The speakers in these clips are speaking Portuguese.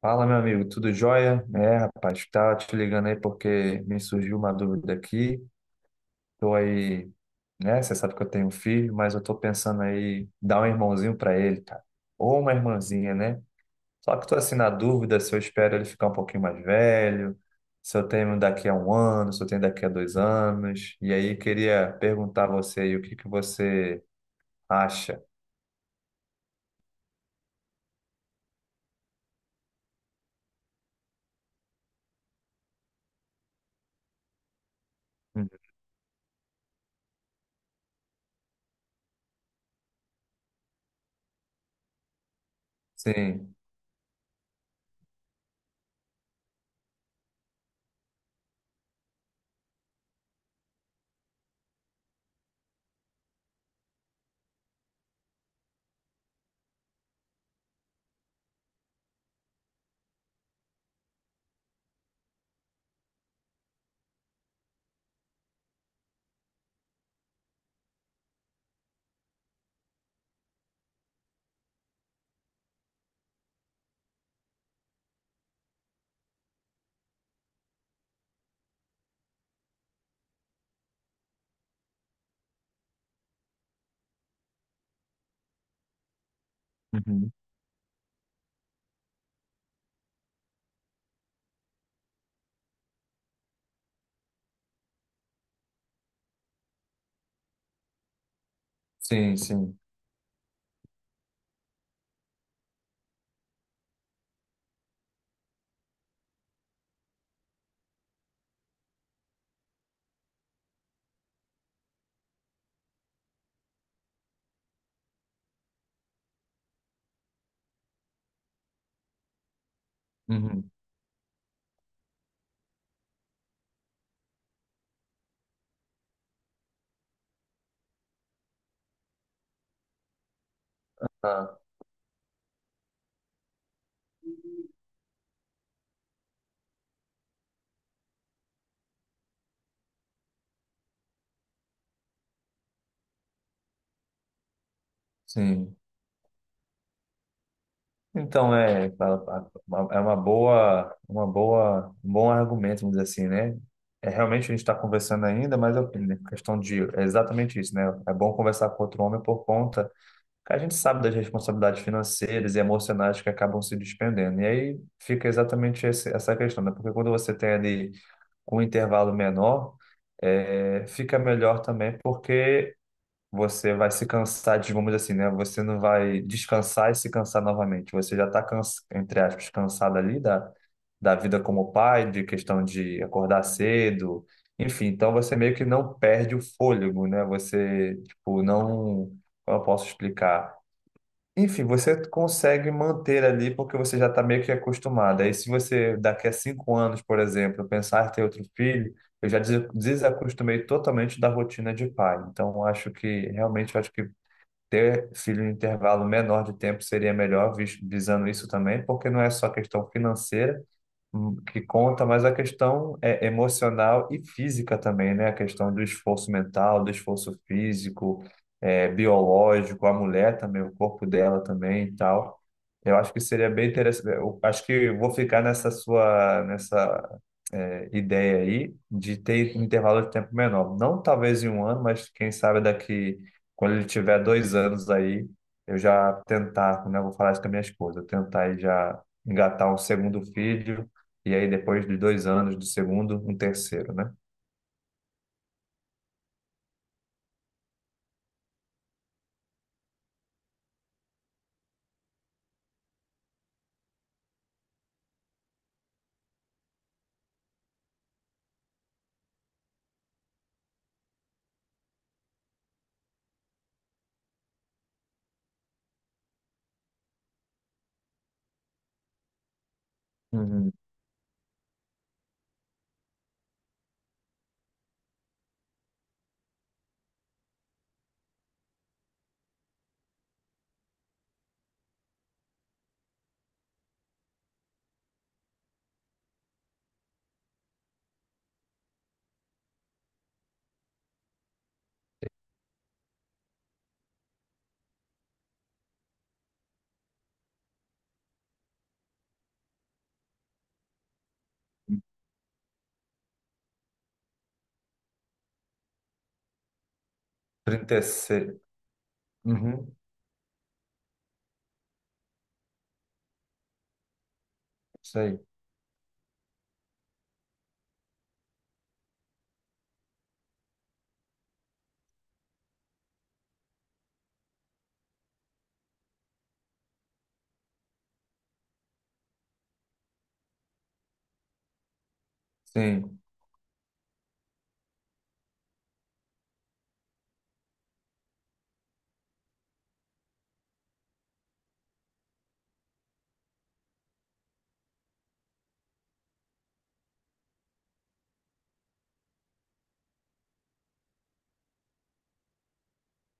Fala, meu amigo, tudo jóia? É, rapaz, tá te ligando aí porque me surgiu uma dúvida aqui. Tô aí, né? Você sabe que eu tenho um filho, mas eu tô pensando aí em dar um irmãozinho pra ele, cara. Ou uma irmãzinha, né? Só que tô assim na dúvida se eu espero ele ficar um pouquinho mais velho, se eu tenho daqui a um ano, se eu tenho daqui a 2 anos. E aí queria perguntar a você aí o que que você acha. Uhum. Sim. Uhum. Sim, sim. Uhum. Ah, sim. Então, é, é uma boa, um bom argumento, vamos dizer assim, né? É, realmente a gente está conversando ainda, mas é questão de, é exatamente isso, né? É bom conversar com outro homem por conta que a gente sabe das responsabilidades financeiras e emocionais que acabam se despendendo. E aí fica exatamente essa questão, né? Porque quando você tem ali com um intervalo menor, é, fica melhor também, porque você vai se cansar, vamos dizer assim, né? Você não vai descansar e se cansar novamente. Você já está, entre aspas, cansado ali da vida como pai, de questão de acordar cedo, enfim. Então você meio que não perde o fôlego, né? Você, tipo, não. Como eu posso explicar? Enfim, você consegue manter ali porque você já está meio que acostumado. Aí, se você daqui a 5 anos, por exemplo, pensar em ter outro filho, eu já desacostumei totalmente da rotina de pai. Então, acho que realmente acho que ter filho em intervalo menor de tempo seria melhor, visando isso também, porque não é só questão financeira, que conta, mas a questão é emocional e física também, né? A questão do esforço mental, do esforço físico, é, biológico, a mulher também, o corpo dela também e tal. Eu acho que seria bem interessante. Eu acho que eu vou ficar nessa sua, nessa ideia aí de ter um intervalo de tempo menor. Não talvez em um ano, mas quem sabe daqui, quando ele tiver 2 anos aí, eu já tentar, né, eu vou falar isso com a minha esposa, eu tentar aí já engatar um segundo filho, e aí depois de 2 anos do segundo, um terceiro, né? Uhum. 36. Uhum, isso aí. Sim,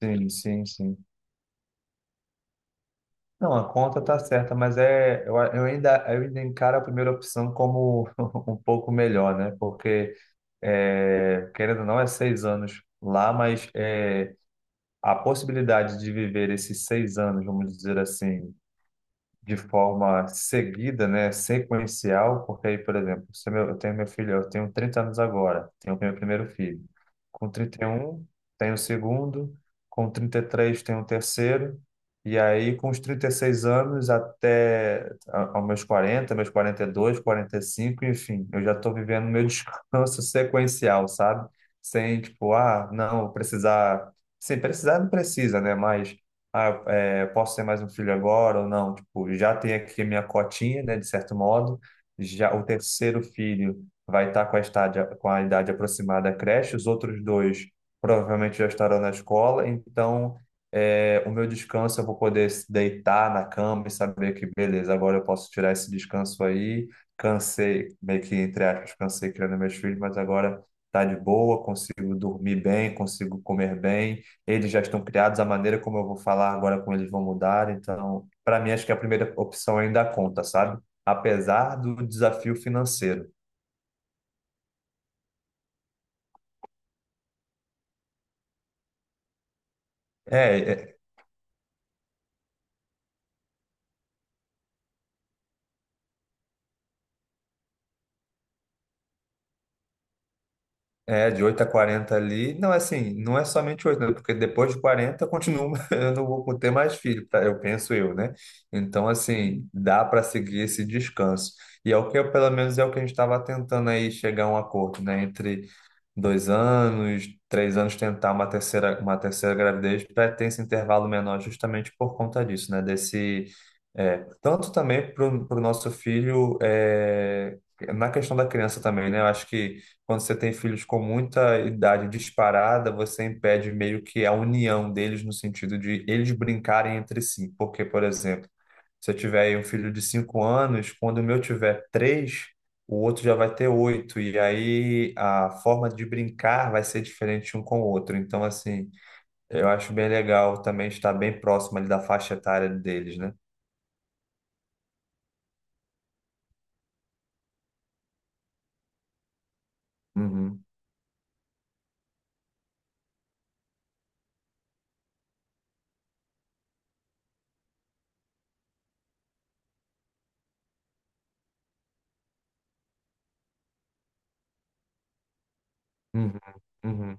sim, sim, sim. Não, a conta tá certa, mas é, eu ainda encaro a primeira opção como um pouco melhor, né? Porque, é, querendo ou não, é 6 anos lá, mas é, a possibilidade de viver esses 6 anos, vamos dizer assim, de forma seguida, né, sequencial, porque aí, por exemplo, se meu, eu tenho meu filho, eu tenho 30 anos agora, tenho meu primeiro filho. Com 31, tenho o segundo, com 33, tenho o terceiro, e aí com os 36 anos até aos meus 40, meus 42, 45, enfim, eu já estou vivendo meu descanso sequencial, sabe? Sem, tipo, ah, não, vou precisar. Sim, precisar não precisa, né? Mas, ah, é, posso ter mais um filho agora ou não? Tipo, já tem aqui a minha cotinha, né, de certo modo. Já o terceiro filho vai estar com a estádia, com a idade aproximada à creche, os outros dois provavelmente já estarão na escola, então o meu descanso eu vou poder se deitar na cama e saber que, beleza, agora eu posso tirar esse descanso aí. Cansei, meio que entre aspas, cansei criando meus filhos, mas agora tá de boa, consigo dormir bem, consigo comer bem. Eles já estão criados, a maneira como eu vou falar agora, como eles vão mudar. Então, para mim, acho que a primeira opção ainda conta, sabe? Apesar do desafio financeiro. É, é. É, de 8 a 40 ali. Não, é assim, não é somente 8, né? Porque depois de 40 continua, eu não vou ter mais filho, tá? Eu penso eu, né? Então, assim, dá para seguir esse descanso. E é o que, eu, pelo menos, é o que a gente estava tentando aí chegar a um acordo, né? Entre 2 anos, 3 anos, tentar uma terceira gravidez, para ter esse intervalo menor justamente por conta disso, né? Desse, tanto também para o nosso filho, na questão da criança também, né? Eu acho que quando você tem filhos com muita idade disparada, você impede meio que a união deles no sentido de eles brincarem entre si. Porque, por exemplo, se eu tiver aí um filho de 5 anos, quando o meu tiver 3, o outro já vai ter 8 e aí a forma de brincar vai ser diferente um com o outro. Então, assim, eu acho bem legal também estar bem próximo ali da faixa etária deles, né? Uhum, uhum, uhum.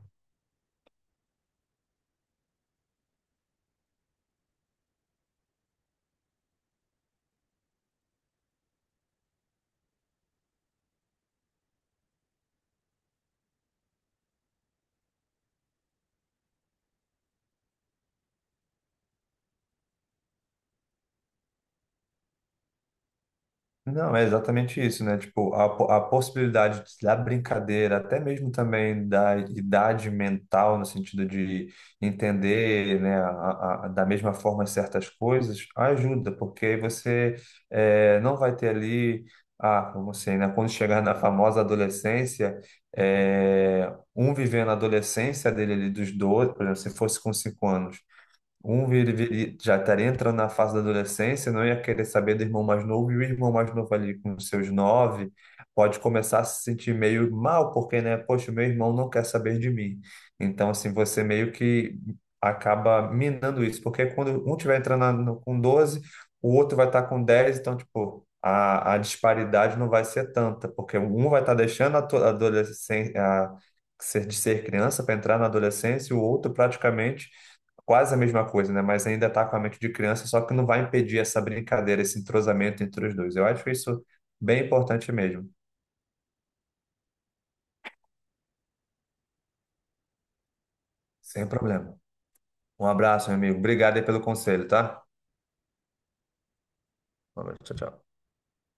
Não, é exatamente isso, né? Tipo, a possibilidade da brincadeira, até mesmo também da idade mental, no sentido de entender, né, da mesma forma certas coisas, ajuda, porque aí você não vai ter ali, ah, como assim, né? Quando chegar na famosa adolescência, um vivendo a adolescência dele ali dos 12, por exemplo, se fosse com 5 anos. Um já estaria entrando na fase da adolescência, não ia querer saber do irmão mais novo, e o irmão mais novo ali com os seus 9 pode começar a se sentir meio mal, porque, né, poxa, o meu irmão não quer saber de mim. Então, assim, você meio que acaba minando isso, porque quando um tiver entrando com 12, o outro vai estar com 10, então, tipo, a disparidade não vai ser tanta, porque um vai estar deixando a adolescência, de ser criança para entrar na adolescência, e o outro praticamente quase a mesma coisa, né? Mas ainda está com a mente de criança, só que não vai impedir essa brincadeira, esse entrosamento entre os dois. Eu acho isso bem importante mesmo. Sem problema. Um abraço, meu amigo. Obrigado aí pelo conselho, tá? Um abraço. Tchau, tchau.